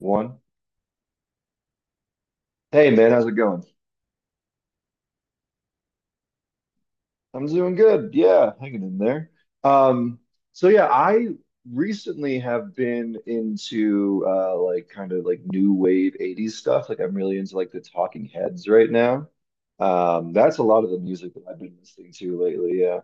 One. Hey man, how's it going? I'm doing good. Yeah, hanging in there. Um, so yeah, I recently have been into like kind of like new wave 80s stuff. Like I'm really into like the Talking Heads right now. That's a lot of the music that I've been listening to lately. Yeah.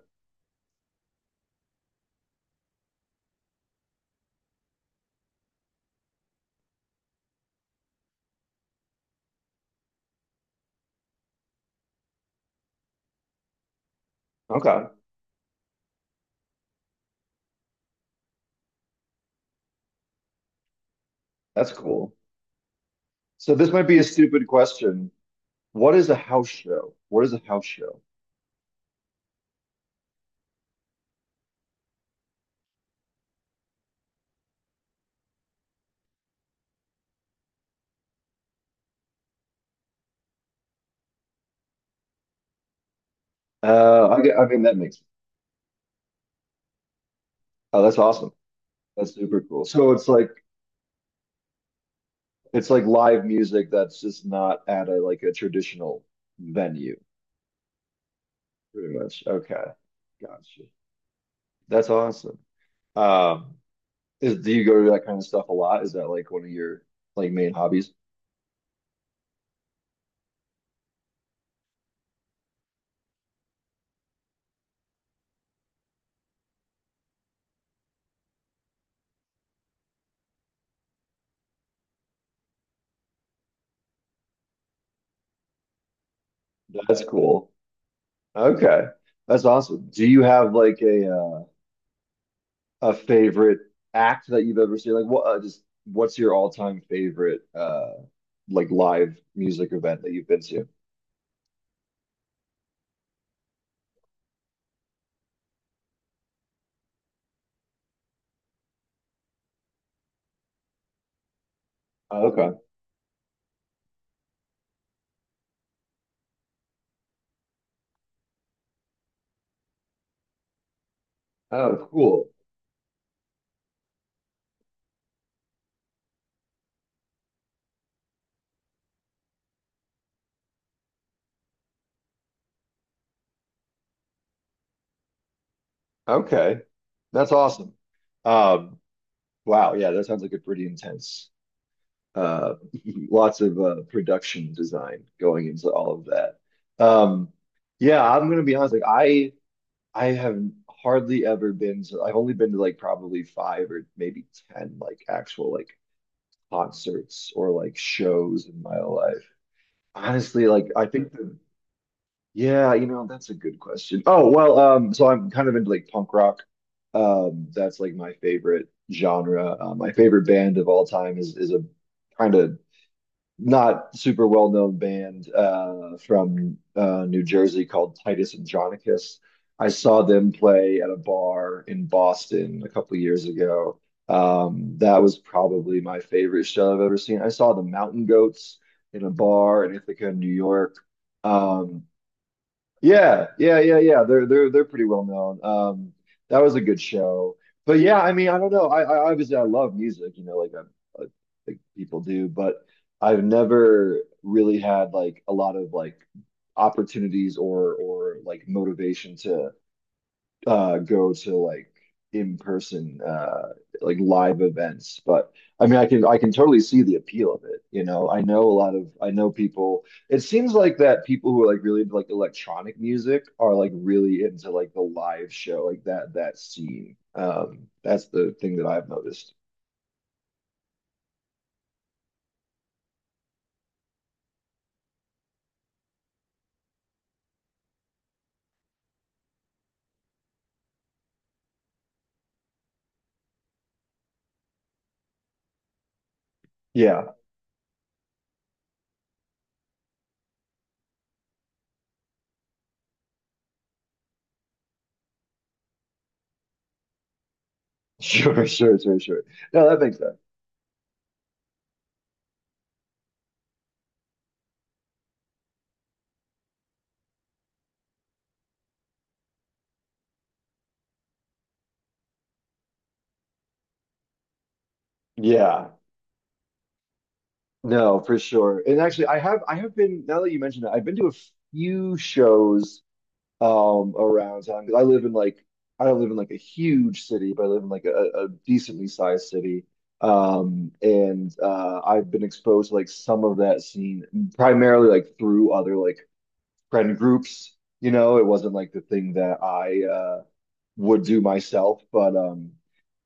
Okay. That's cool. So this might be a stupid question. What is a house show? I, get- I mean that makes Oh, that's awesome. That's super cool. It's like live music that's just not at a traditional venue, pretty much. Okay. Gotcha. That's awesome. Um, is Do you go to that kind of stuff a lot? Is that like one of your like main hobbies? That's cool. Okay. That's awesome. Do you have like a favorite act that you've ever seen? Like what just what's your all-time favorite like live music event that you've been to? Oh, okay. Oh, cool. Okay. That's awesome. Um, wow, yeah, that sounds like a pretty intense uh lots of production design going into all of that. Um yeah, I'm gonna be honest, like I have hardly ever been to — I've only been to like probably five or maybe ten like actual like concerts or like shows in my life. Honestly, like I think the Yeah, you know, that's a good question. I'm kind of into like punk rock. That's like my favorite genre. My favorite band of all time is a kind of not super well-known band from New Jersey called Titus Andronicus. I saw them play at a bar in Boston a couple years ago. That was probably my favorite show I've ever seen. I saw the Mountain Goats in a bar in Ithaca, New York. Um, yeah, yeah, yeah, yeah. They're pretty well known. That was a good show. But yeah, I mean, I don't know. I obviously — I love music, you know, like I think people do, but I've never really had like a lot of like opportunities or like motivation to go to like in person like live events. But I mean I can — I can totally see the appeal of it, you know. I know a lot of — I know people, it seems like, that people who are like really into like electronic music are like really into like the live show, like that scene. That's the thing that I've noticed. Yeah. Sure, sure, sure, sure. No, that makes sense. Yeah, no, for sure. And actually I have been — now that you mentioned it, I've been to a few shows around town because I live in like — I don't live in like a huge city, but I live in like a decently sized city. And I've been exposed to like some of that scene primarily like through other like friend groups. You know, it wasn't like the thing that I would do myself, but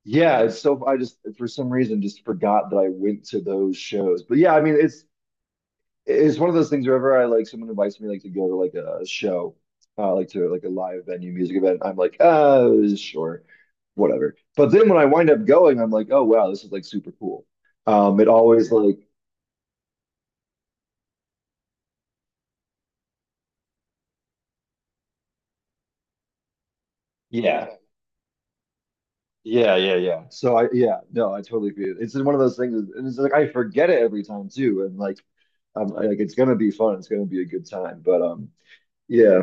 yeah, it's — so I just for some reason just forgot that I went to those shows. But yeah, I mean, it's — it's one of those things wherever I — like someone invites me like to go to like a show, like to like a live venue music event, I'm like, sure, whatever. But then when I wind up going, I'm like, oh wow, this is like super cool. Um, it always like, yeah, yeah, yeah, yeah. So yeah, no, I totally agree. It's one of those things, and it's like I forget it every time too, and like, I- like it's gonna be fun, it's gonna be a good time, but yeah,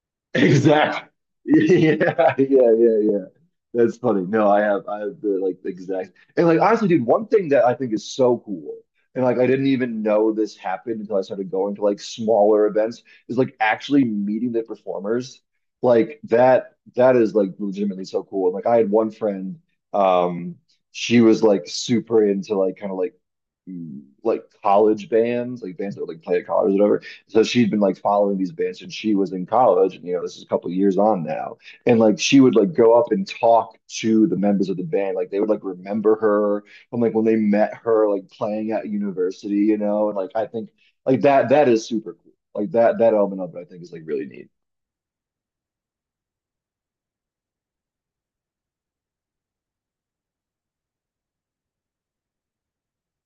exactly. Yeah, yeah, yeah, yeah. That's funny. No, I have the like exact — and like honestly, dude, one thing that I think is so cool, and like I didn't even know this happened until I started going to like smaller events, is like actually meeting the performers. Like that is like legitimately so cool. Like I had one friend, um, she was like super into like kind of like like college bands, like bands that would like play at college or whatever. So she'd been like following these bands, and she was in college, and you know, this is a couple years on now, and like she would like go up and talk to the members of the band, like they would like remember her from like when they met her like playing at university, you know. And like I think like that is super cool, like that element of it I think is like really neat.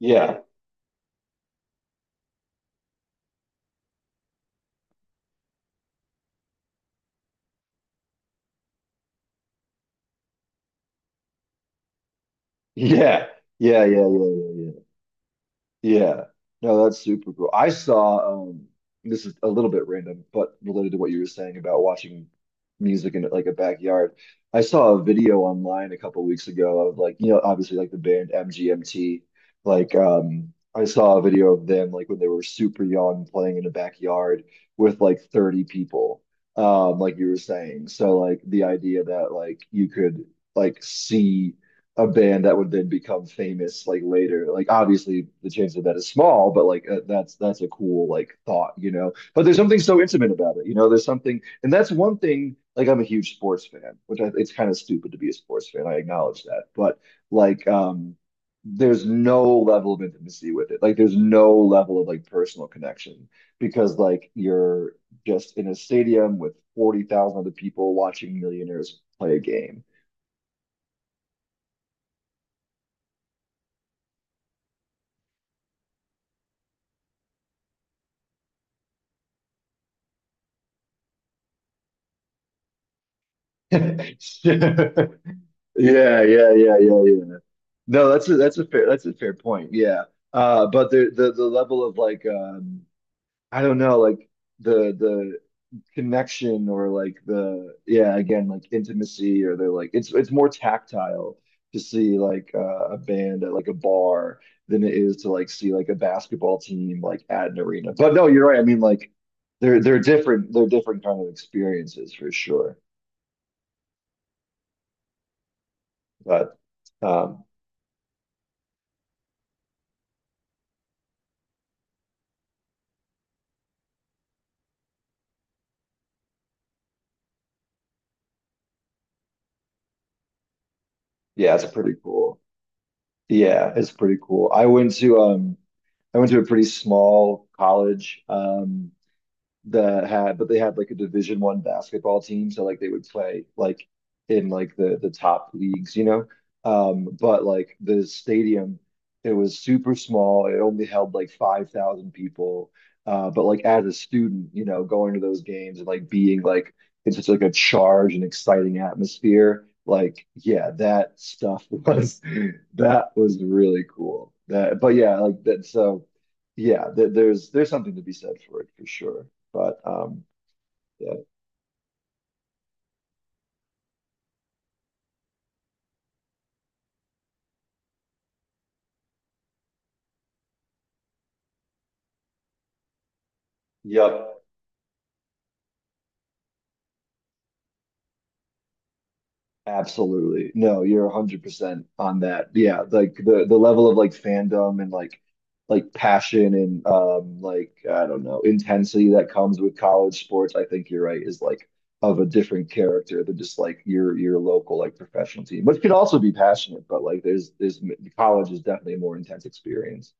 Yeah, yeah, yeah, yeah, yeah, yeah, yeah. Yeah. No, that's super cool. I saw this is a little bit random, but related to what you were saying about watching music in like a backyard. I saw a video online a couple weeks ago of like, you know, obviously like the band MGMT. Like I saw a video of them like when they were super young playing in a backyard with like 30 people. Like you were saying. So like the idea that like you could like see a band that would then become famous like later. Like obviously the chance of that is small, but like that's — that's a cool like thought, you know. But there's something so intimate about it, you know. There's something — and that's one thing. Like I'm a huge sports fan, which I — it's kind of stupid to be a sports fan, I acknowledge that, but like there's no level of intimacy with it. Like there's no level of like personal connection because like you're just in a stadium with 40,000 other people watching millionaires play a game. Yeah, yeah, yeah, yeah, yeah. No, that's a fair point. Yeah. But the the level of like I don't know, like the connection or like the — yeah, again, like intimacy, or they're like — it's more tactile to see like a band at like a bar than it is to like see like a basketball team like at an arena. But no, you're right. I mean like they're different kind of experiences for sure. But um yeah, it's pretty cool. Yeah, it's pretty cool. I went to a pretty small college. That had — but they had like a division one basketball team, so like they would play like in like the top leagues, you know. But like the stadium, it was super small, it only held like 5,000 people. But like as a student, you know, going to those games and like being like in such like a charged and exciting atmosphere, like yeah, that stuff was that was really cool. that but yeah, like that. So yeah, there, there's — there's something to be said for it for sure. But yeah, yep, absolutely. No, you're 100% on that. Yeah, like the level of like fandom and like passion and like I don't know, intensity that comes with college sports, I think you're right, is like of a different character than just like your local like professional team, which could also be passionate, but like there's college is definitely a more intense experience.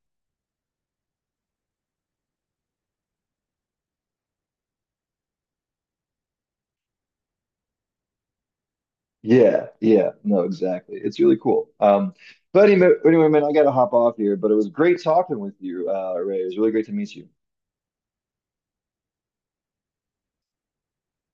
Yeah, yeah, no, exactly. It's really cool. But anyway, anyway, man, I gotta hop off here. But it was great talking with you, Ray. It was really great to meet you.